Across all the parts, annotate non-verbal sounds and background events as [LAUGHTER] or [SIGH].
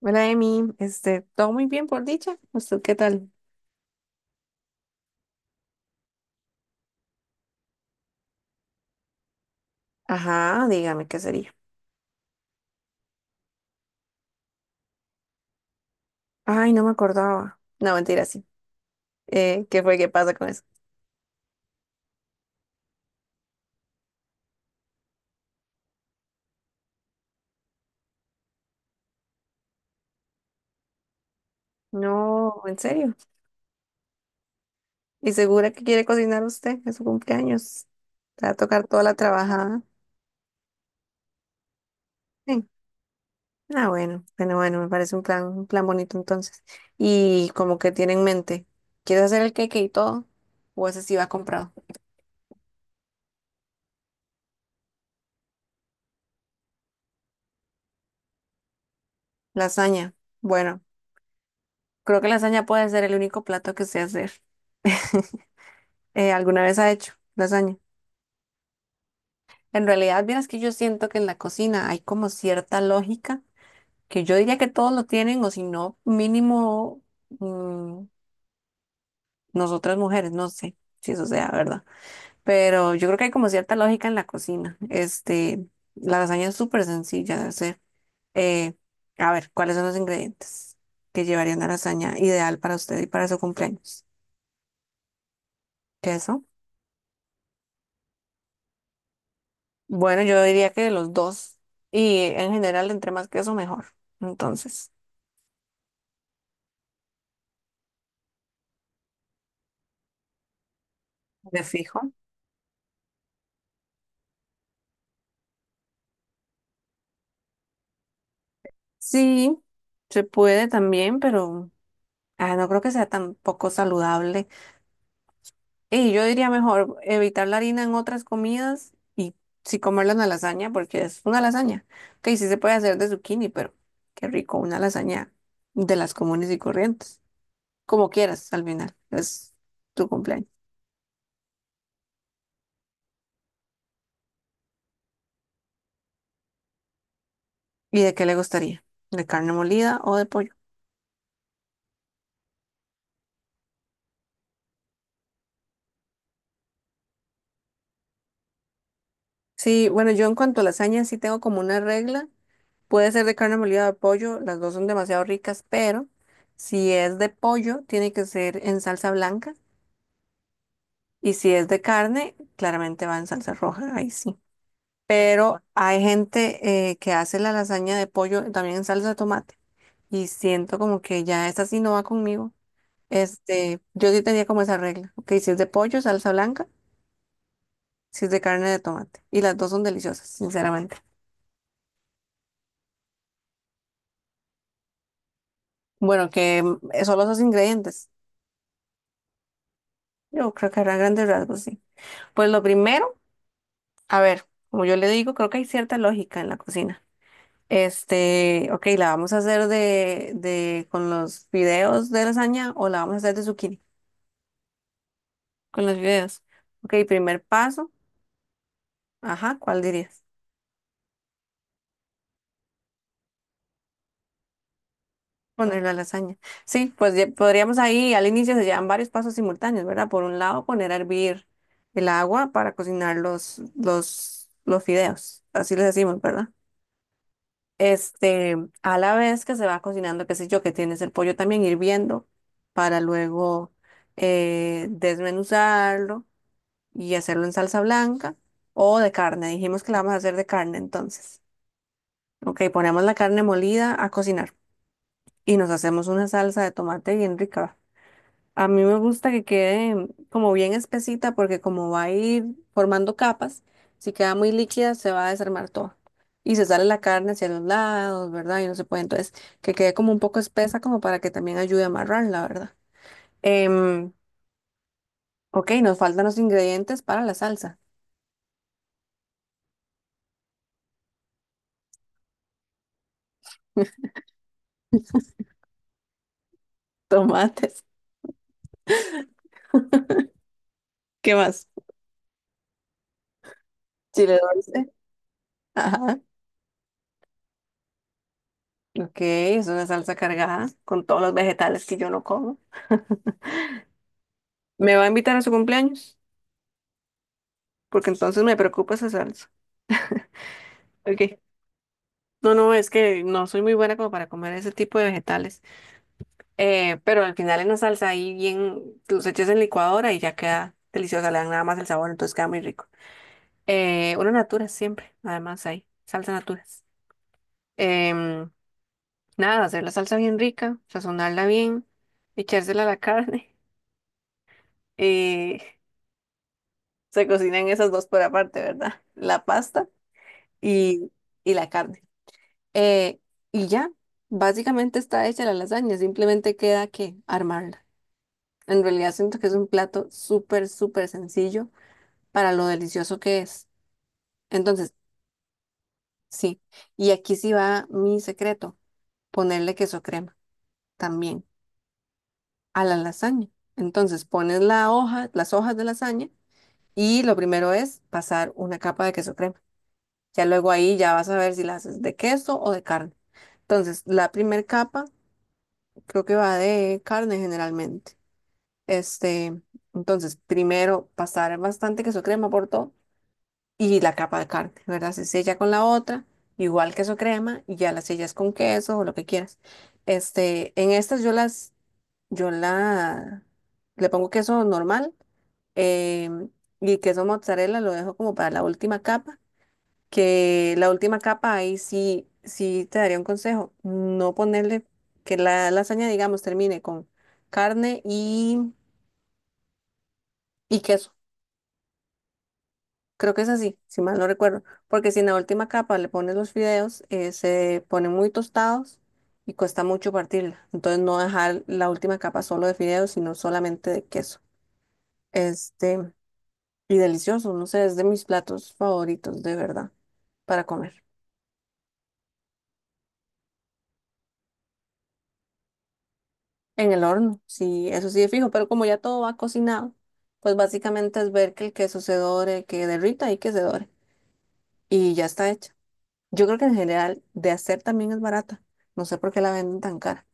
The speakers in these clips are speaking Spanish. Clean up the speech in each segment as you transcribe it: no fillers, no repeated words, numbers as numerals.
Hola, Emi. Todo muy bien por dicha. ¿Usted qué tal? Ajá, dígame qué sería. Ay, no me acordaba. No, mentira, sí. ¿Qué fue? ¿Qué pasa con eso? No, en serio. ¿Y segura que quiere cocinar usted en su cumpleaños? Te va a tocar toda la trabajada. Sí. Ah, bueno, bueno, bueno, me parece un plan bonito entonces. Y como que tiene en mente, ¿quieres hacer el cake y todo? ¿O ese sí va comprado? Lasaña. Bueno, creo que lasaña puede ser el único plato que sé hacer. [LAUGHS] ¿Alguna vez ha hecho lasaña? En realidad, vieras que yo siento que en la cocina hay como cierta lógica que yo diría que todos lo tienen o si no, mínimo mm, nosotras mujeres, no sé si eso sea verdad, pero yo creo que hay como cierta lógica en la cocina. La lasaña es súper sencilla de hacer. Eh, a ver, ¿cuáles son los ingredientes que llevaría una lasaña ideal para usted y para su cumpleaños? Queso. Bueno, yo diría que los dos. Y en general, entre más queso, mejor. Entonces, de fijo. Sí, se puede también, pero ah, no creo que sea tan poco saludable. Y yo diría mejor evitar la harina en otras comidas y sí comerla en la lasaña, porque es una lasaña. Que sí se puede hacer de zucchini, pero qué rico, una lasaña de las comunes y corrientes. Como quieras, al final, es tu cumpleaños. ¿Y de qué le gustaría? ¿De carne molida o de pollo? Sí, bueno, yo en cuanto a lasaña sí tengo como una regla. Puede ser de carne molida o de pollo, las dos son demasiado ricas, pero si es de pollo, tiene que ser en salsa blanca. Y si es de carne, claramente va en salsa roja, ahí sí. Pero hay gente que hace la lasaña de pollo también en salsa de tomate. Y siento como que ya esta sí no va conmigo. Yo sí tenía como esa regla. Ok, si es de pollo, salsa blanca, si es de carne, de tomate. Y las dos son deliciosas, sinceramente. Bueno, que solo esos ingredientes. Yo creo que habrá grandes rasgos, sí. Pues lo primero, a ver, como yo le digo, creo que hay cierta lógica en la cocina. Ok, ¿la vamos a hacer de, con los fideos de lasaña o la vamos a hacer de zucchini? Con los fideos. Ok, primer paso. Ajá, ¿cuál dirías? Poner la lasaña. Sí, pues ya podríamos ahí, al inicio se llevan varios pasos simultáneos, ¿verdad? Por un lado, poner a hervir el agua para cocinar los, los fideos. Así les decimos, ¿verdad? Este, a la vez que se va cocinando, qué sé yo, que tienes el pollo también hirviendo para luego desmenuzarlo y hacerlo en salsa blanca o de carne. Dijimos que la vamos a hacer de carne entonces. Ok, ponemos la carne molida a cocinar y nos hacemos una salsa de tomate bien rica. A mí me gusta que quede como bien espesita porque como va a ir formando capas, si queda muy líquida se va a desarmar todo. Y se sale la carne hacia los lados, ¿verdad? Y no se puede. Entonces, que quede como un poco espesa como para que también ayude a amarrar, la ¿verdad? Em, ok, nos faltan los ingredientes para la salsa. [LAUGHS] Tomates. ¿Qué más? Chile dulce. Ajá. Ok, es una salsa cargada con todos los vegetales que yo no como. ¿Me va a invitar a su cumpleaños? Porque entonces me preocupa esa salsa. Ok. No, no, es que no soy muy buena como para comer ese tipo de vegetales. Pero al final en la salsa ahí bien, los echas en licuadora y ya queda deliciosa, le dan nada más el sabor, entonces queda muy rico. Una natura siempre, además hay salsa naturas. Em, Nada, hacer la salsa bien rica, sazonarla bien, echársela a la [LAUGHS] carne. eh, Se cocinan esas dos por aparte, ¿verdad? La pasta y, y la carne. Eh, y ya, básicamente está hecha la lasaña, simplemente queda que armarla. En realidad siento que es un plato súper, súper sencillo para lo delicioso que es. Entonces, sí, y aquí sí va mi secreto, ponerle queso crema también a la lasaña. Entonces, pones la hoja, las hojas de lasaña y lo primero es pasar una capa de queso crema. Ya luego ahí ya vas a ver si la haces de queso o de carne. Entonces, la primera capa creo que va de carne generalmente. Este, entonces, primero pasar bastante queso crema por todo y la capa de carne, ¿verdad? Se sella con la otra, igual queso crema, y ya la sellas con queso o lo que quieras. En estas yo la, le pongo queso normal em, y queso mozzarella lo dejo como para la última capa, que la última capa ahí sí, sí te daría un consejo, no ponerle que la lasaña, digamos, termine con carne y queso. Creo que es así, si mal no recuerdo, porque si en la última capa le pones los fideos, se ponen muy tostados y cuesta mucho partirla. Entonces no dejar la última capa solo de fideos, sino solamente de queso. Este, y delicioso, no sé, es de mis platos favoritos, de verdad, para comer. En el horno, sí, eso sí es fijo, pero como ya todo va cocinado, pues básicamente es ver que el queso se dore, que derrita y que se dore. Y ya está hecha. Yo creo que en general de hacer también es barata. No sé por qué la venden tan cara.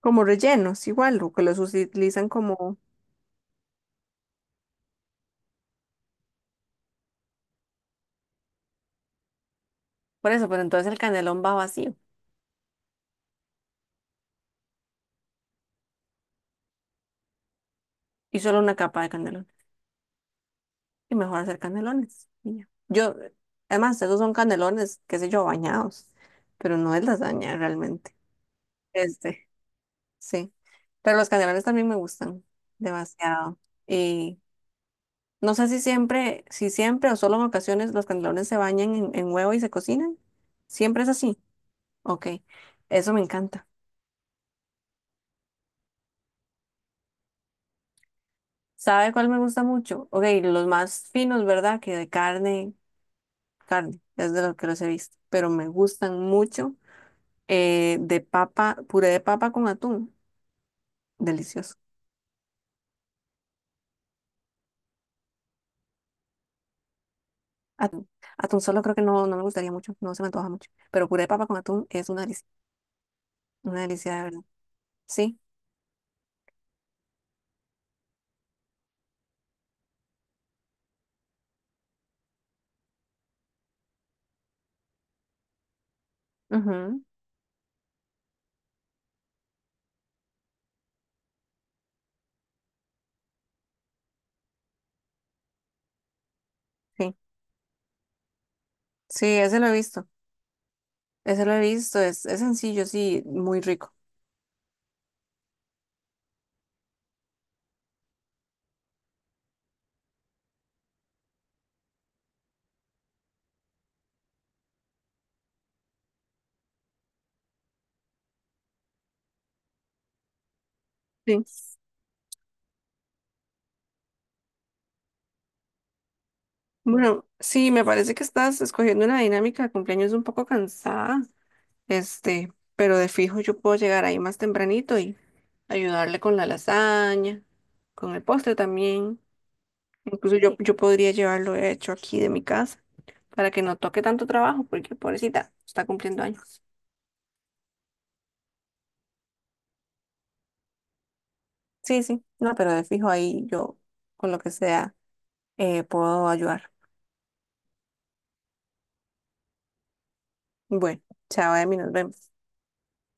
Como rellenos, igual, o que los utilizan como... Por eso, pero entonces el canelón va vacío y solo una capa de canelón. Y mejor hacer canelones. Y ya. Yo, además, esos son canelones, qué sé yo, bañados, pero no es lasaña realmente. Este, sí. Pero los canelones también me gustan demasiado. Y no sé si siempre, o solo en ocasiones los canelones se bañan en, huevo y se cocinan. Siempre es así. Ok, eso me encanta. ¿Sabe cuál me gusta mucho? Ok, los más finos, ¿verdad? Que de carne, es de los que los he visto, pero me gustan mucho de papa, puré de papa con atún, delicioso. Atún, atún solo creo que no, no me gustaría mucho, no se me antoja mucho, pero puré de papa con atún es una delicia de verdad. Sí, ujú, sí, sí, ese lo he visto, ese lo he visto, es, sencillo, sí, muy rico. Sí. Bueno, sí, me parece que estás escogiendo una dinámica de cumpleaños un poco cansada. Pero de fijo yo puedo llegar ahí más tempranito y ayudarle con la lasaña, con el postre también. Incluso yo, podría llevarlo hecho aquí de mi casa para que no toque tanto trabajo, porque pobrecita, está cumpliendo años. Sí, sí, no, pero de fijo ahí yo con lo que sea puedo ayudar. Bueno, chao, Emi, nos vemos.